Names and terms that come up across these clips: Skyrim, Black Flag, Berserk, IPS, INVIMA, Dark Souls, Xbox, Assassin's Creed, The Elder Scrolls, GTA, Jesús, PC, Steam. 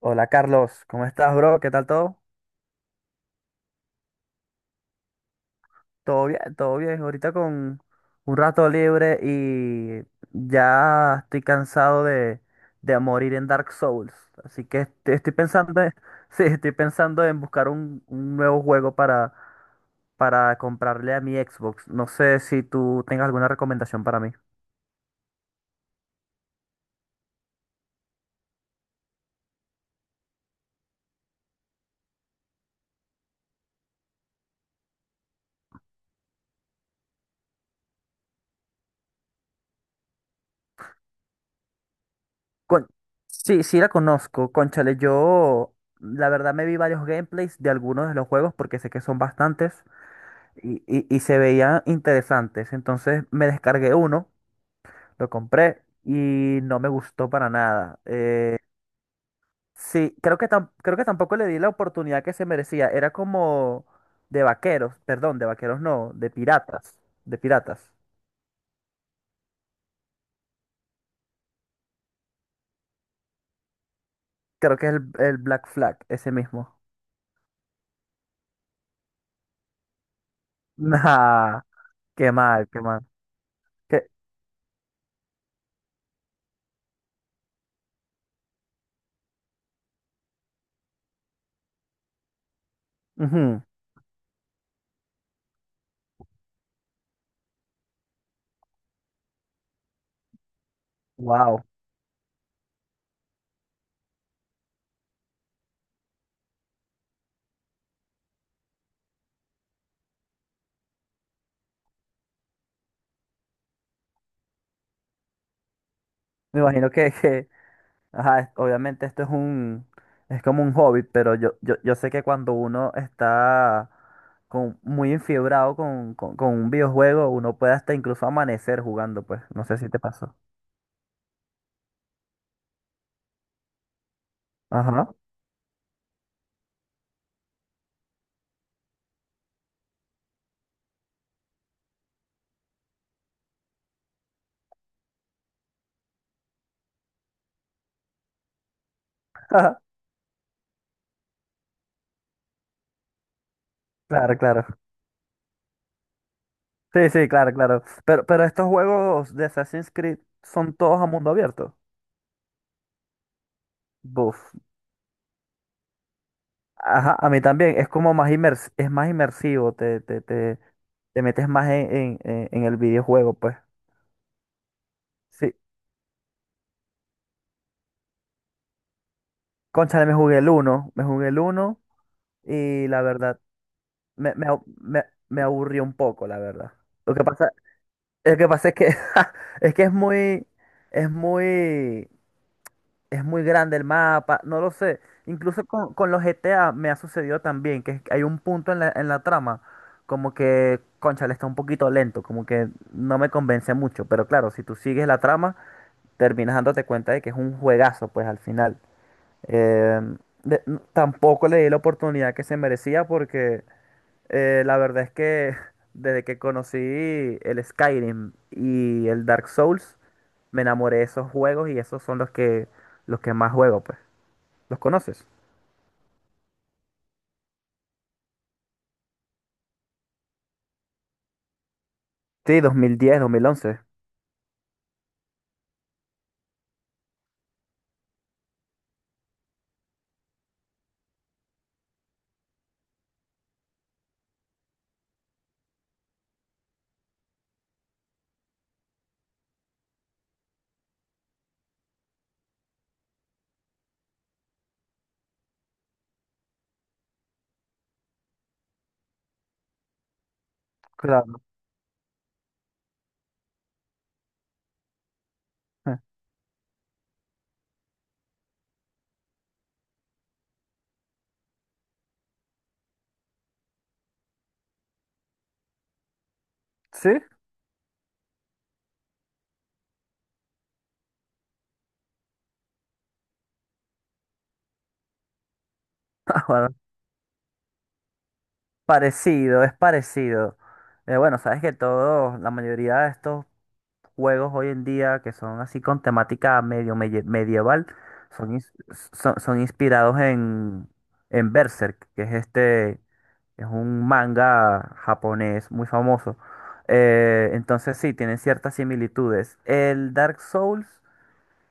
Hola Carlos, ¿cómo estás, bro? ¿Qué tal todo? Todo bien, todo bien. Ahorita con un rato libre y ya estoy cansado de morir en Dark Souls. Así que estoy pensando, sí, estoy pensando en buscar un nuevo juego para comprarle a mi Xbox. No sé si tú tengas alguna recomendación para mí. Con- Sí, sí la conozco. Cónchale, yo la verdad me vi varios gameplays de algunos de los juegos porque sé que son bastantes. Y se veían interesantes. Entonces me descargué uno, lo compré y no me gustó para nada. Sí, creo que, creo que tampoco le di la oportunidad que se merecía. Era como de vaqueros, perdón, de vaqueros no, de piratas, de piratas. Creo que es el Black Flag, ese mismo. Nah, qué mal, qué mal. Qué, ujú, wow. Me imagino que, ajá, obviamente esto es es como un hobby, pero yo sé que cuando uno está con, muy enfiebrado con un videojuego, uno puede hasta incluso amanecer jugando, pues. No sé si te pasó. Ajá. Claro, claro. Sí, sí, claro, claro. Pero estos juegos de Assassin's Creed son todos a mundo abierto. Buf. Ajá, a mí también. Es como es más inmersivo, te, te metes más en, en el videojuego, pues. Sí. Cónchale, me jugué el uno y la verdad, me aburrió un poco, la verdad. Lo que pasa, lo que pasa es que, es que es muy, es muy grande el mapa, no lo sé. Incluso con los GTA me ha sucedido también, que es que hay un punto en en la trama, como que, cónchale, está un poquito lento, como que no me convence mucho. Pero claro, si tú sigues la trama, terminas dándote cuenta de que es un juegazo, pues al final. Eh, Tampoco le di la oportunidad que se merecía porque la verdad es que desde que conocí el Skyrim y el Dark Souls, me enamoré de esos juegos y esos son los los que más juego, pues. ¿Los conoces? Sí, 2010, 2011. Claro. Eh, ¿Sí? Ah, bueno, parecido, es parecido. Bueno, sabes que todos, la mayoría de estos juegos hoy en día que son así con temática medieval son, son inspirados en Berserk, que es este, es un manga japonés muy famoso. Entonces sí, tienen ciertas similitudes. El Dark Souls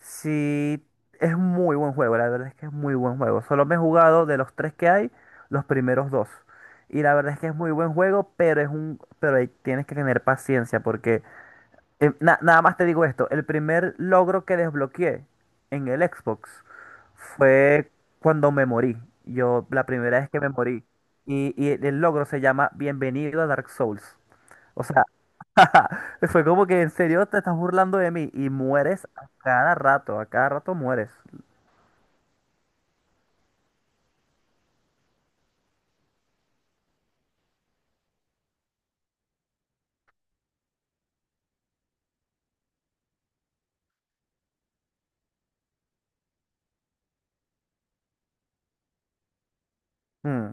sí es un muy buen juego, la verdad es que es muy buen juego. Solo me he jugado de los tres que hay, los primeros dos. Y la verdad es que es muy buen juego, pero pero ahí tienes que tener paciencia porque nada más te digo esto, el primer logro que desbloqueé en el Xbox fue cuando me morí. Yo, la primera vez que me morí. Y el logro se llama Bienvenido a Dark Souls. O sea, fue como que en serio te estás burlando de mí y mueres a cada rato mueres. Mm.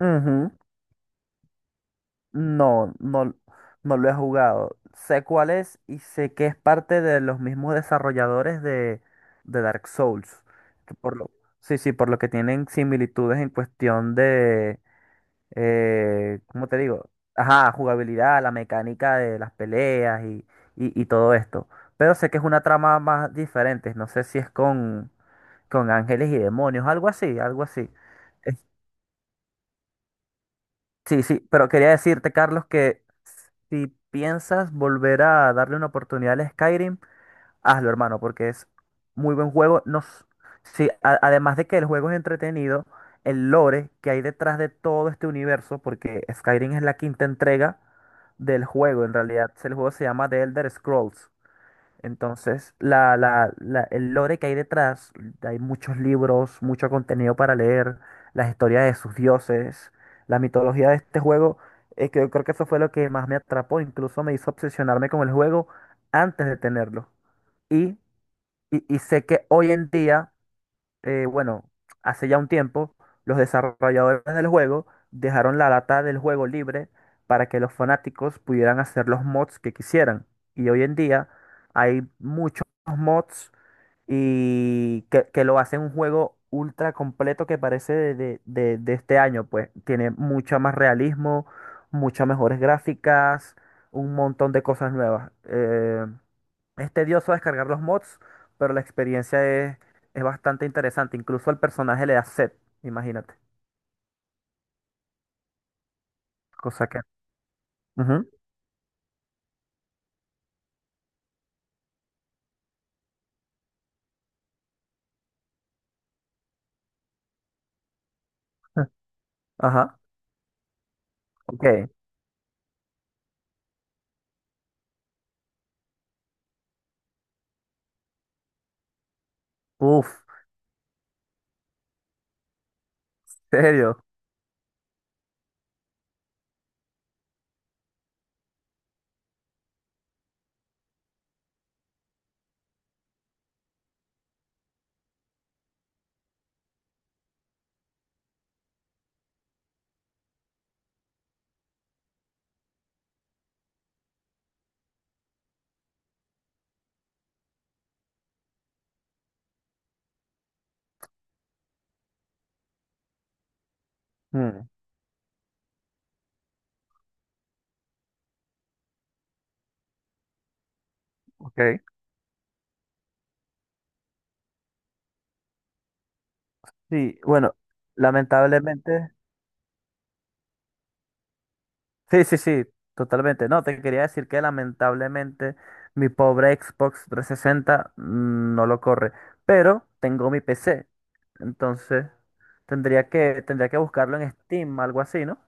Ujú. No, no, no lo he jugado. Sé cuál es y sé que es parte de los mismos desarrolladores de Dark Souls. que Por lo, sí, sí, por lo que tienen similitudes en cuestión de, ¿cómo te digo? Ajá, jugabilidad, la mecánica de las peleas y todo esto. Pero sé que es una trama más diferente. No sé si es con ángeles y demonios, algo así, algo así. Es- Sí, sí, pero quería decirte, Carlos, que si piensas volver a darle una oportunidad al Skyrim, hazlo, hermano, porque es muy buen juego. No, s- Sí, además de que el juego es entretenido, el lore que hay detrás de todo este universo, porque Skyrim es la quinta entrega del juego, en realidad el juego se llama The Elder Scrolls. Entonces, el lore que hay detrás, hay muchos libros, mucho contenido para leer, las historias de sus dioses, la mitología de este juego, que yo creo que eso fue lo que más me atrapó, incluso me hizo obsesionarme con el juego antes de tenerlo. Y, y sé que hoy en día, bueno, hace ya un tiempo, los desarrolladores del juego dejaron la data del juego libre para que los fanáticos pudieran hacer los mods que quisieran. Y hoy en día hay muchos mods y que lo hacen un juego ultra completo que parece de este año, pues tiene mucho más realismo, muchas mejores gráficas, un montón de cosas nuevas. Es tedioso descargar los mods, pero la experiencia es bastante interesante. Incluso al personaje le da sed, imagínate. Cosa que. Ujú. Ajá. Ok. Uf, serio. Mm, ok. Sí, bueno, lamentablemente. Sí, sí, sí, totalmente. No, te quería decir que lamentablemente mi pobre Xbox 360 no lo corre. Pero tengo mi PC. Entonces tendría que buscarlo en Steam, algo así, ¿no?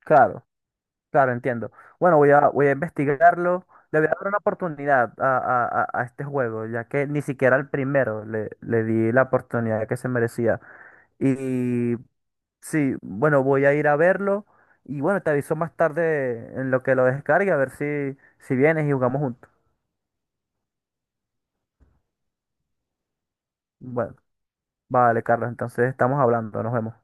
Claro. Claro, entiendo. Bueno, voy a, voy a investigarlo. Le voy a dar una oportunidad a, a este juego, ya que ni siquiera al primero le, le di la oportunidad que se merecía. Y sí, bueno, voy a ir a verlo. Y bueno, te aviso más tarde en lo que lo descargue, a ver si, si vienes y jugamos juntos. Bueno, vale, Carlos, entonces estamos hablando, nos vemos.